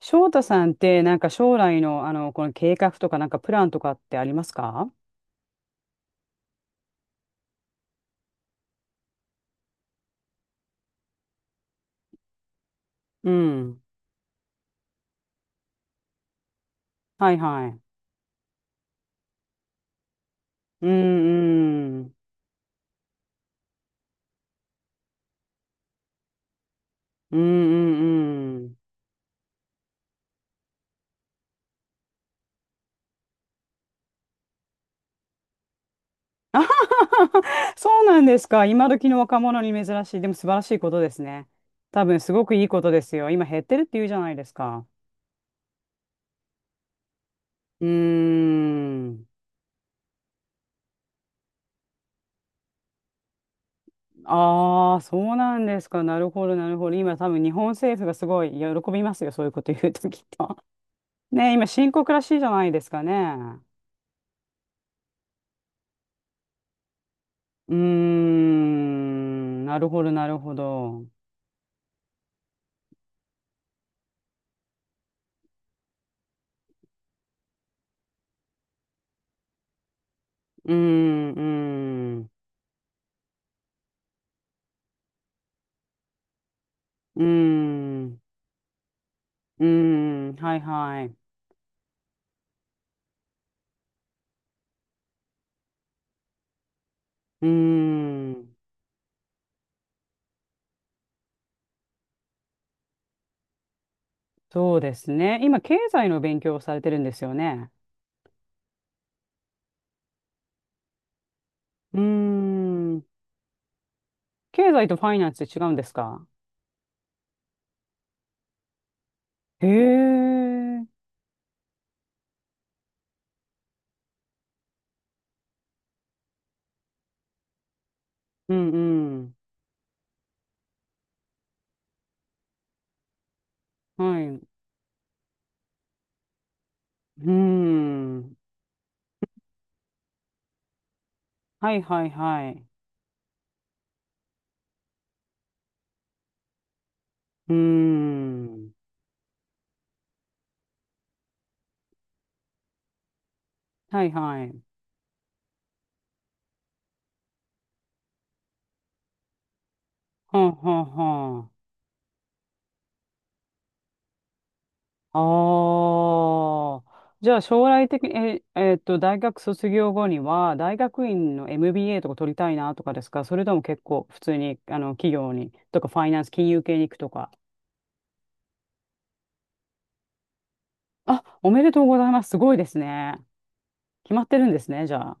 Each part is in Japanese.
翔太さんって、なんか将来の、あの、この計画とか、なんかプランとかってありますか？うん。はいはい。うんうん。うんうんうん。あはははは そうなんですか。今時の若者に珍しい。でも素晴らしいことですね。多分すごくいいことですよ。今減ってるって言うじゃないですか。うーん。ああ、そうなんですか。なるほど、なるほど。今多分日本政府がすごい喜びますよ。そういうこと言うときっと。ねえ、今深刻らしいじゃないですかね。うーん、なるほど、なるほど。うーん、うーん、うーん、うーん、はいはい。うーん、そうですね。今、経済の勉強をされてるんですよね。うーん、経済とファイナンスって違うんですか？へえ、うんうん、はい、うーん、はいはいはい。うーん、はいはい。はあはあはあ。ああ、じゃあ将来的に、大学卒業後には、大学院の MBA とか取りたいなとかですか？それとも結構普通に、あの、企業に、とかファイナンス、金融系に行くとか。あ、おめでとうございます。すごいですね。決まってるんですね、じゃあ。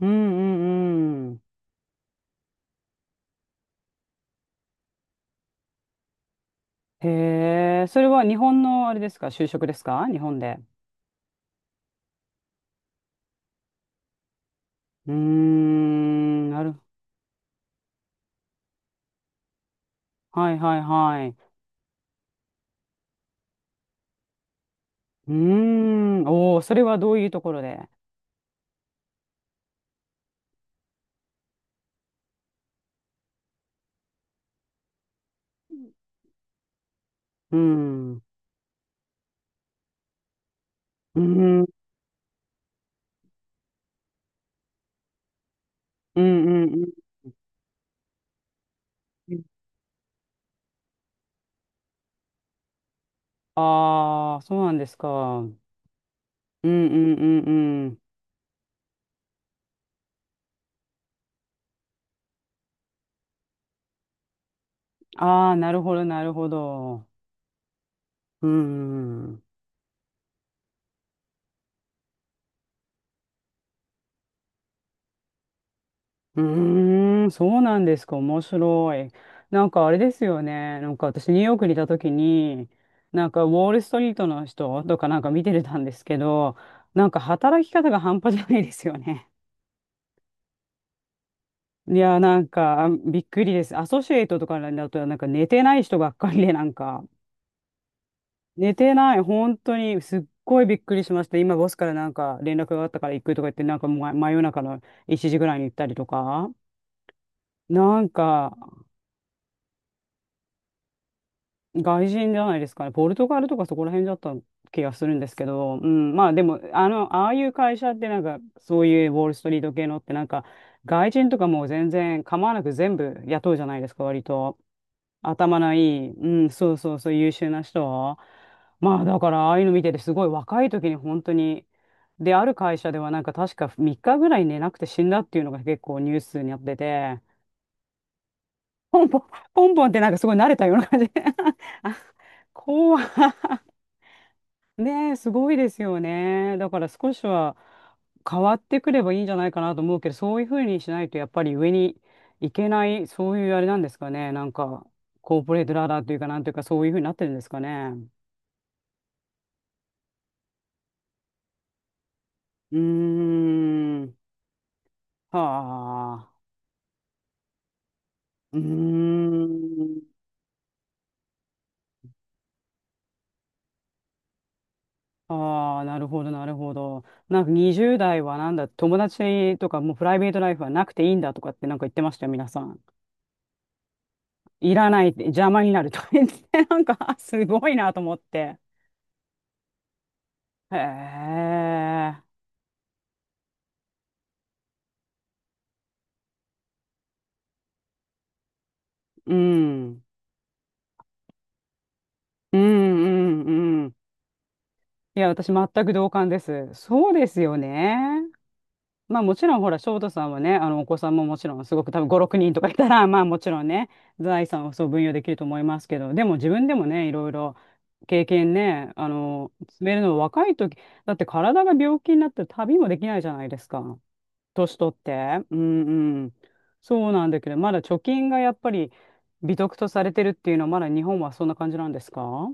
うんうんうん。へえ、それは日本のあれですか？就職ですか？日本で。うーん、なる。はいはいはい。うーん、おお、それはどういうところで。うん。うん、うん、うん、うん。ああ、そうなんですか。うん、うん、うん、うん。ああ、なるほど、なるほど。うん、うん、ーん、そうなんですか。面白い。なんかあれですよね。なんか私、ニューヨークにいた時に、なんかウォールストリートの人とかなんか見てたんですけど、なんか働き方が半端じゃないですよね。いや、なんかびっくりです。アソシエイトとかだと、なんか寝てない人ばっかりで、なんか。寝てない。本当に、すっごいびっくりしました。今、ボスからなんか連絡があったから行くとか言って、なんかま真夜中の1時ぐらいに行ったりとか。なんか、外人じゃないですかね。ポルトガルとかそこら辺だった気がするんですけど、うん、まあでも、あの、ああいう会社ってなんか、そういうウォールストリート系のってなんか、外人とかもう全然構わなく全部雇うじゃないですか、割と。頭のいい、うん、そうそうそう、優秀な人。まあ、だから、ああいうの見てて、すごい若い時に本当に、で、ある会社では、なんか確か3日ぐらい寝なくて死んだっていうのが結構ニュースになってて、ポンポン、ポンポンってなんかすごい慣れたような感じで、あ、怖い。ねえ、すごいですよね。だから少しは変わってくればいいんじゃないかなと思うけど、そういうふうにしないとやっぱり上に行けない、そういうあれなんですかね。なんか、コーポレートラダーというか、なんというか、そういうふうになってるんですかね。うーん。はあ。うーん。ああ、なるほど、なるほど。なんか20代はなんだ、友達とかもうプライベートライフはなくていいんだとかってなんか言ってましたよ、皆さん。いらないって、邪魔になるとか言って、なんか、あすごいなと思って。へえ、うん、うん、うん、うん。いや、私、全く同感です。そうですよね。まあ、もちろん、ほら、翔太さんはね、あの、お子さんももちろん、すごく多分5、6人とかいたら、まあ、もちろんね、財産をそう分与できると思いますけど、でも自分でもね、いろいろ経験ね、あの、積めるの若い時、だって体が病気になって旅もできないじゃないですか。年取って。うんうん。そうなんだけど、まだ貯金がやっぱり美徳とされてるっていうのは、まだ日本はそんな感じなんですか？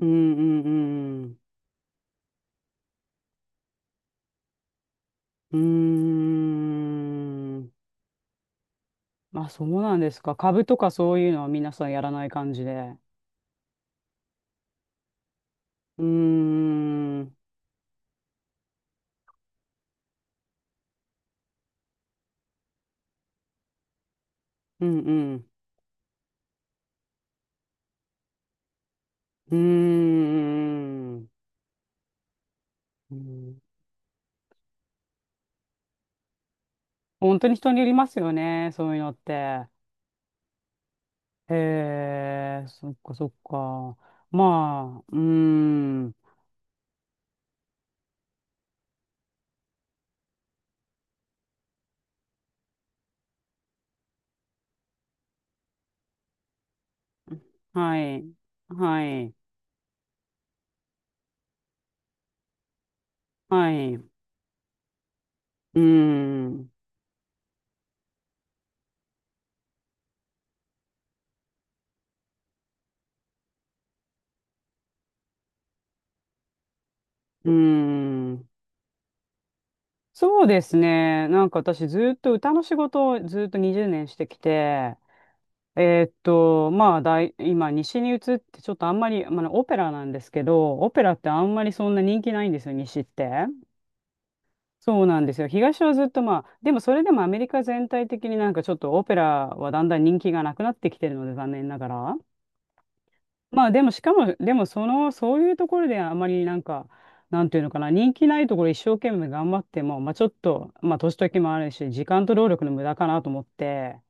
うんうんうん。うーん。まあそうなんですか。株とかそういうのは皆さんやらない感じで。うーん。うんうん。うーん。うん本当に人によりますよね。そういうのって。へえ、そっかそっか。まあ、うーん。はい。はい。はい。うーん。うーん。そうですね。なんか私ずっと歌の仕事をずっと20年してきて、まあ大、今西に移ってちょっとあんまり、まあ、オペラなんですけど、オペラってあんまりそんな人気ないんですよ、西って。そうなんですよ。東はずっとまあ、でもそれでもアメリカ全体的になんかちょっとオペラはだんだん人気がなくなってきてるので、残念ながら。まあでもしかも、でもその、そういうところであまりなんか、なんていうのかな、人気ないところ一生懸命頑張っても、まあちょっと、まあ年時もあるし、時間と労力の無駄かなと思って、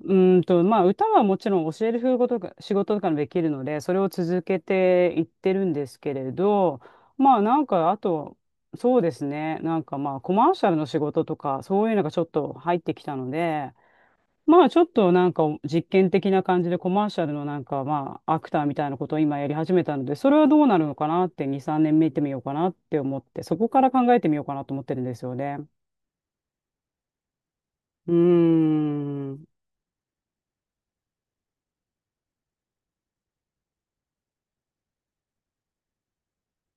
うーんと、まあ歌はもちろん教える仕事とか、仕事とかもできるので、それを続けていってるんですけれど、まあなんか、あと、そうですね、なんかまあコマーシャルの仕事とか、そういうのがちょっと入ってきたので、まあちょっとなんか実験的な感じでコマーシャルのなんかまあアクターみたいなことを今やり始めたので、それはどうなるのかなって2、3年見てみようかなって思って、そこから考えてみようかなと思ってるんですよね。うーん。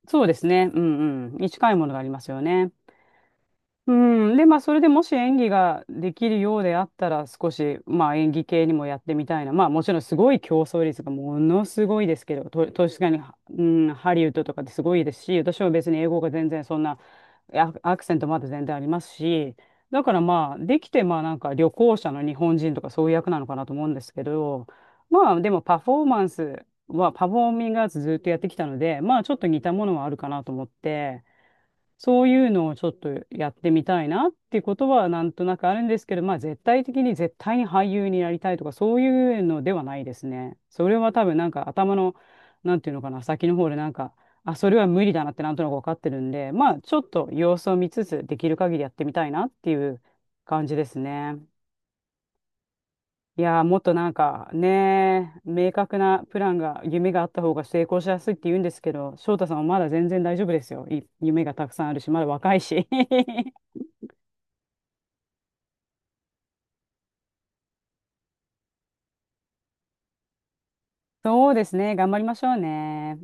そうですね。うんうん。に近いものがありますよね。うん。で、まあそれでもし演技ができるようであったら少しまあ演技系にもやってみたいな。まあもちろんすごい競争率がものすごいですけど、と、確かに、うん、ハリウッドとかってすごいですし、私は別に英語が全然そんなアアクセントまだ全然ありますし、だからまあ、できてまあなんか旅行者の日本人とかそういう役なのかなと思うんですけど、まあでもパフォーマンスは、パフォーミングアーツずっとやってきたので、まあちょっと似たものはあるかなと思って、そういうのをちょっとやってみたいなっていうことはなんとなくあるんですけど、まあ絶対的に絶対に俳優になりたいとかそういうのではないですね。それは多分なんか頭の、なんていうのかな、先の方でなんか、あ、それは無理だなってなんとなく分かってるんで、まあちょっと様子を見つつできる限りやってみたいなっていう感じですね。いやーもっとなんかね明確なプランが夢があった方が成功しやすいって言うんですけど翔太さんはまだ全然大丈夫ですよい夢がたくさんあるしまだ若いし そうですね。頑張りましょうね。